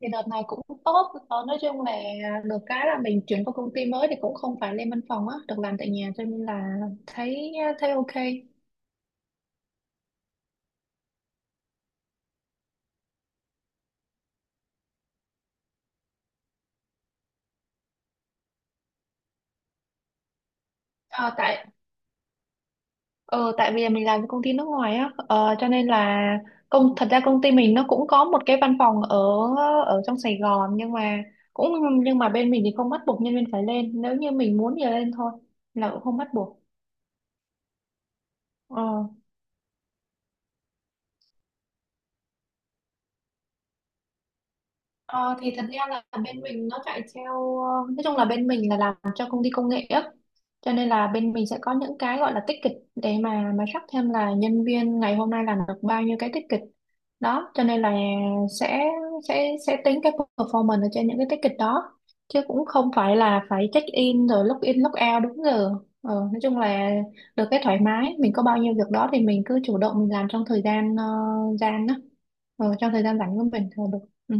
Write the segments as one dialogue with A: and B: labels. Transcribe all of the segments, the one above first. A: Thì đợt này cũng tốt. Ờ, nói chung là được cái là mình chuyển qua công ty mới thì cũng không phải lên văn phòng á, được làm tại nhà cho nên là thấy thấy ok. Ờ, tại ờ, Tại vì mình làm với công ty nước ngoài á, cho nên là, thật ra công ty mình nó cũng có một cái văn phòng ở ở trong Sài Gòn, nhưng mà cũng nhưng mà bên mình thì không bắt buộc nhân viên phải lên, nếu như mình muốn thì lên thôi, là cũng không bắt buộc. Ờ. Ờ, thì thật ra là bên mình nó chạy theo, ờ, nói chung là bên mình là làm cho công ty công nghệ á, cho nên là bên mình sẽ có những cái gọi là ticket để mà track thêm là nhân viên ngày hôm nay làm được bao nhiêu cái ticket đó, cho nên là sẽ sẽ tính cái performance ở trên những cái ticket đó, chứ cũng không phải là phải check in rồi log in log out đúng giờ. Nói chung là được cái thoải mái, mình có bao nhiêu việc đó thì mình cứ chủ động mình làm trong thời gian, ờ, gian đó ờ, trong thời gian rảnh của mình thôi được. Ừ.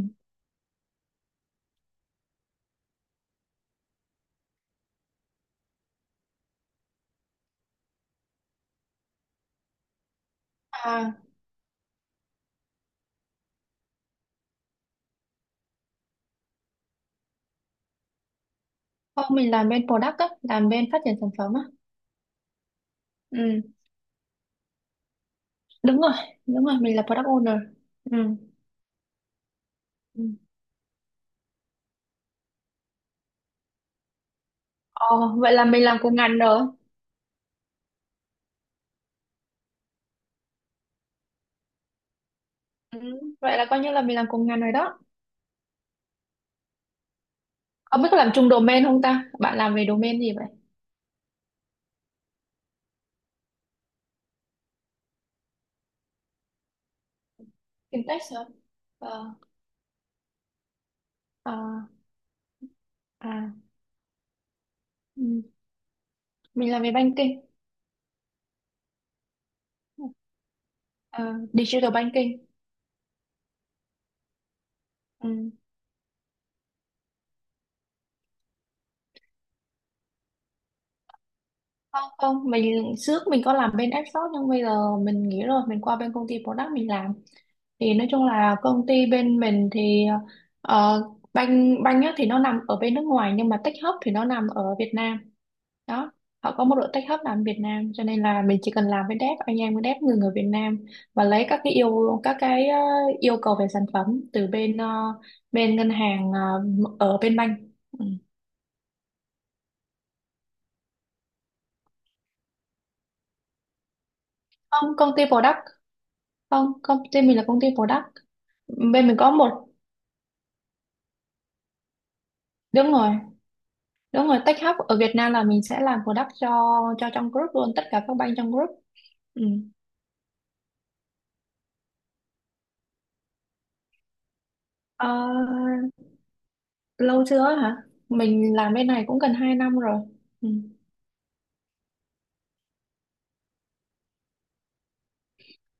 A: À, không, mình làm bên product á, làm bên phát triển sản phẩm á. Ừ, đúng rồi, đúng rồi, mình là product owner. Ừ. Ừ. Ồ, vậy là mình làm cùng ngành rồi. Ừ, vậy là coi như là mình làm cùng ngành rồi đó. Ông biết có làm chung domain không ta? Bạn làm về domain gì vậy? Fintech hả? Ờ, à, à, ừ. Mình làm về banking, Ờ, digital banking. Ừ. Không, không, trước mình có làm bên app shop nhưng bây giờ mình nghỉ rồi, mình qua bên công ty product mình làm. Thì nói chung là công ty bên mình thì, ờ, banh banh á thì nó nằm ở bên nước ngoài, nhưng mà tech hub thì nó nằm ở Việt Nam đó. Họ có một đội tech hub làm ở Việt Nam, cho nên là mình chỉ cần làm với dev, anh em với dev người người Việt Nam, và lấy các cái, yêu cầu về sản phẩm từ bên, ờ, bên ngân hàng, ở bên banh. Ừ. không công ty product Không, công ty mình là công ty product. Bên mình có một. Đúng rồi, đúng rồi, tech hub ở Việt Nam là mình sẽ làm product cho trong group luôn, tất cả các bank trong group. Ừ. Ờ, Lâu chưa hả? Mình làm bên này cũng gần 2 năm rồi. Ừ.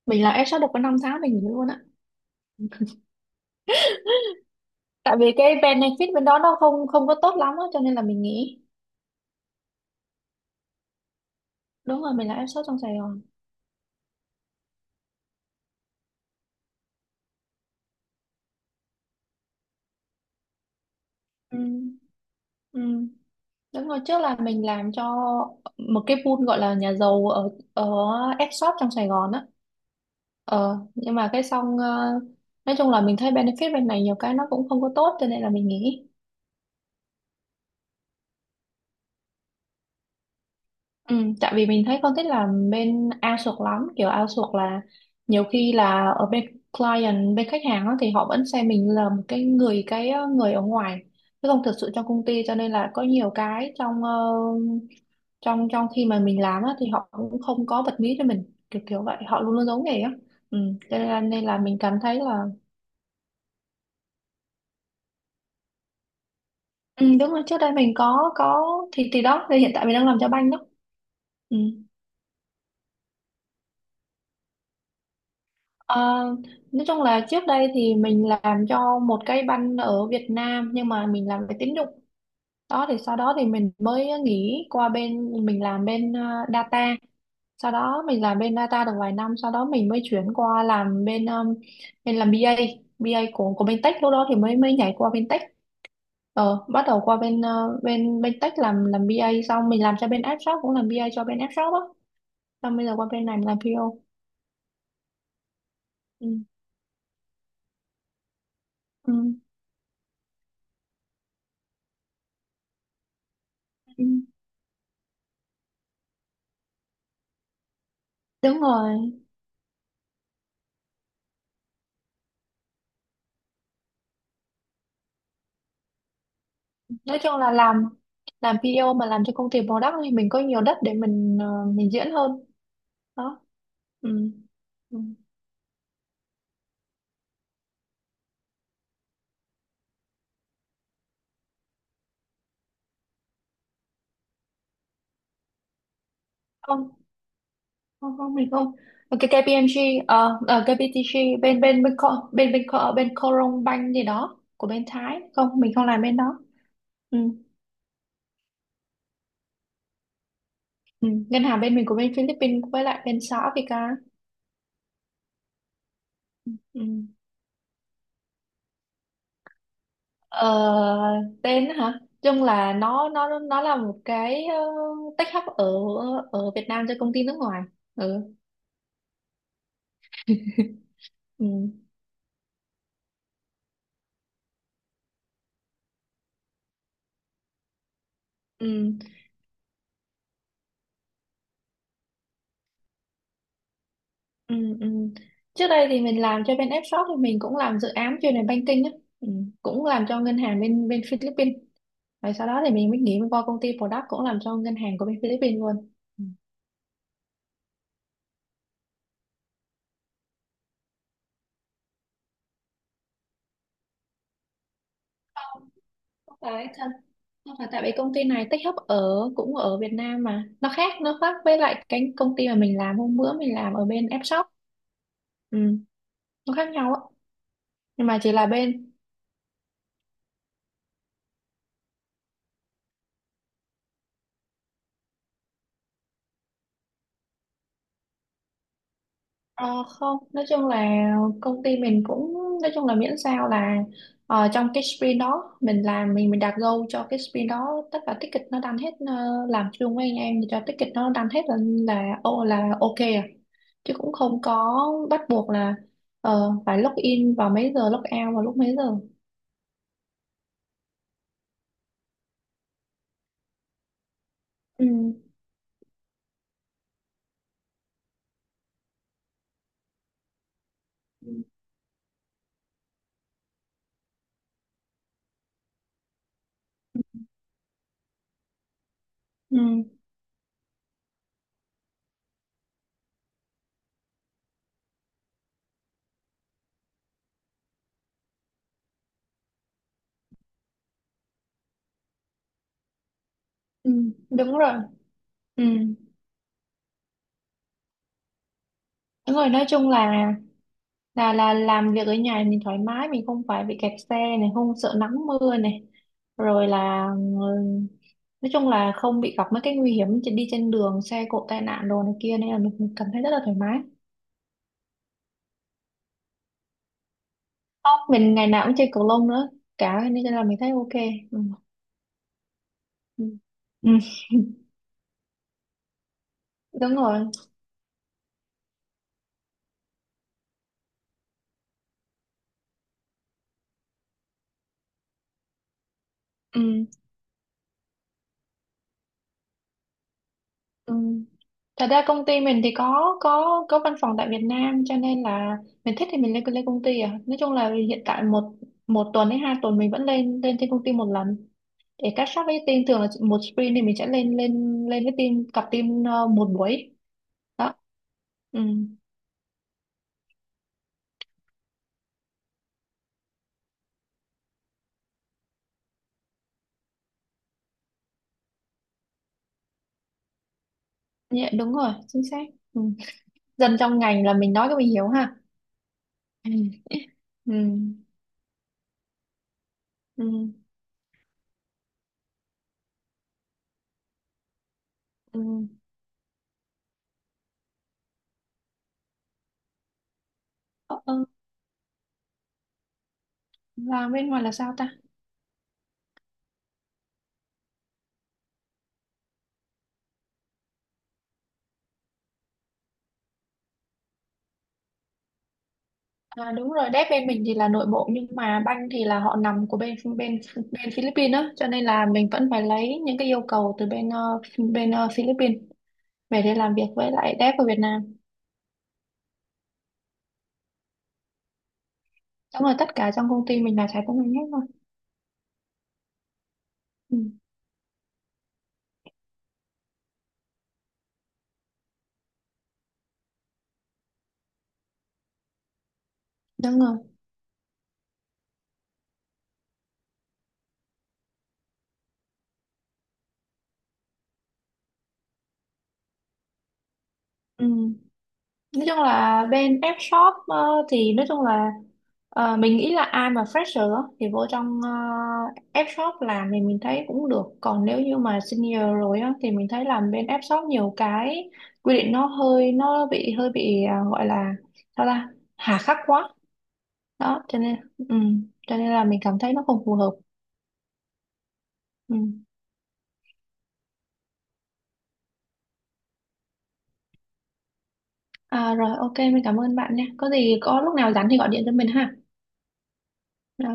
A: Mình là HR được có 5 tháng mình nghỉ luôn á. Tại vì cái benefit bên đó nó không không có tốt lắm á, cho nên là mình nghỉ. Đúng rồi, mình là HR trong Sài Gòn. Ừ. Ừ. Đúng rồi, trước là mình làm cho một cái pool gọi là nhà giàu ở, F-shop trong Sài Gòn á. Ờ, nhưng mà nói chung là mình thấy benefit bên này nhiều cái nó cũng không có tốt, cho nên là mình nghỉ. Ừ, tại vì mình thấy con thích làm bên outsource lắm, kiểu outsource là nhiều khi là ở bên client, bên khách hàng á, thì họ vẫn xem mình là một cái người ở ngoài, chứ không thực sự trong công ty, cho nên là có nhiều cái trong, ờ, trong trong khi mà mình làm á, thì họ cũng không có bật mí cho mình, kiểu kiểu vậy, họ luôn luôn giấu nghề á. Ừ, nên là mình cảm thấy là. Ừ, đúng rồi, trước đây mình có, thì đó thì hiện tại mình đang làm cho banh đó. Ừ. Ờ, nói chung là trước đây thì mình làm cho một cái banh ở Việt Nam, nhưng mà mình làm về tín dụng đó, thì sau đó thì mình mới nghỉ qua bên mình làm bên, data. Sau đó mình làm bên data được vài năm, sau đó mình mới chuyển qua làm bên, mình làm BA, BA của bên tech, lúc đó thì mới mới nhảy qua bên tech. Bắt đầu qua bên, ờ, bên bên tech làm, BA xong mình làm cho bên app shop, cũng làm BA cho bên app shop á, xong bây giờ qua bên này mình làm PO. Ừ. Ừ. Ừ. Đúng rồi, nói chung là làm PO mà làm cho công ty product thì mình có nhiều đất để mình diễn hơn đó. Ừ. Ừ. Không, không, không, mình không. Cái KPMG, KPTG bên, bên bên Co- bên bên Co- bên Coron Bank gì đó của bên Thái, không mình không làm bên đó. Ừ. Ừ. Ngân hàng bên mình của bên Philippines, với lại bên xã Africa. Ừ. Ờ, Tên hả? Chung là nó là một cái, tech hub ở, Việt Nam cho công ty nước ngoài. Ừ. Ừ, ừ, ừ, ừ. Trước đây thì mình làm cho bên F-Shop, thì mình cũng làm dự án chuyên về banking á. Ừ. Cũng làm cho ngân hàng bên bên Philippines. Rồi sau đó thì mình mới nghỉ qua công ty product, cũng làm cho ngân hàng của bên Philippines luôn. Ừ. Không, không phải thân. Không phải, tại vì công ty này tech hub ở, cũng ở Việt Nam mà. Nó khác với lại cái công ty mà mình làm hôm bữa, mình làm ở bên F-Shop. Ừ, nó khác nhau á. Nhưng mà chỉ là bên, Ờ, không, nói chung là công ty mình cũng, nói chung là miễn sao là, trong cái sprint đó mình làm, mình đặt goal cho cái sprint đó, tất cả ticket nó đăng hết, làm chung với anh em thì cho ticket nó đăng hết là ô là ok à, chứ cũng không có bắt buộc là, phải log in vào mấy giờ, log out vào lúc mấy giờ. Ừ. Ừ. Ừ. Ừ, đúng rồi. Ừ. Đúng rồi, nói chung là làm việc ở nhà mình thoải mái, mình không phải bị kẹt xe này, không sợ nắng mưa này, rồi là ừ, nói chung là không bị gặp mấy cái nguy hiểm đi trên đường, xe cộ tai nạn đồ này kia, nên là mình cảm thấy rất là thoải mái. Không, mình ngày nào cũng chơi cầu lông nữa cả, nên là mình thấy ok. Ừ. Ừ. Đúng rồi. Ừ. Ừ. Thật ra công ty mình thì có văn phòng tại Việt Nam, cho nên là mình thích thì mình lên lên công ty à. Nói chung là hiện tại một 1 tuần hay 2 tuần mình vẫn lên lên trên công ty 1 lần, để catch up với team, thường là một sprint thì mình sẽ lên lên lên với team, cặp team, một buổi đó. Ừ. Dạ, đúng rồi, chính xác. Ừ. Dân trong ngành là mình nói cái mình hiểu ha. Ừ. Ừ. Ừ. Ừ. Ờ, ờ, Làm bên ngoài là sao ta? À, đúng rồi, đép bên mình thì là nội bộ, nhưng mà banh thì là họ nằm của bên, bên bên Philippines á, cho nên là mình vẫn phải lấy những cái yêu cầu từ bên, Philippines về để làm việc với lại đép ở Việt Nam. Đúng rồi, tất cả trong công ty mình là trái của mình hết rồi. Ừ, đúng rồi. Ừ. Nói chung là bên F shop, thì nói chung là, mình nghĩ là ai mà fresher á, thì vô trong, F shop làm thì mình thấy cũng được, còn nếu như mà senior rồi á, thì mình thấy làm bên F shop nhiều cái quy định, nó bị hơi bị, à, gọi là sao ta, hà khắc quá. Đó cho nên cho nên là mình cảm thấy nó không phù hợp. Ừ. À, rồi ok mình cảm ơn bạn nha, có gì có lúc nào rảnh thì gọi điện cho mình ha.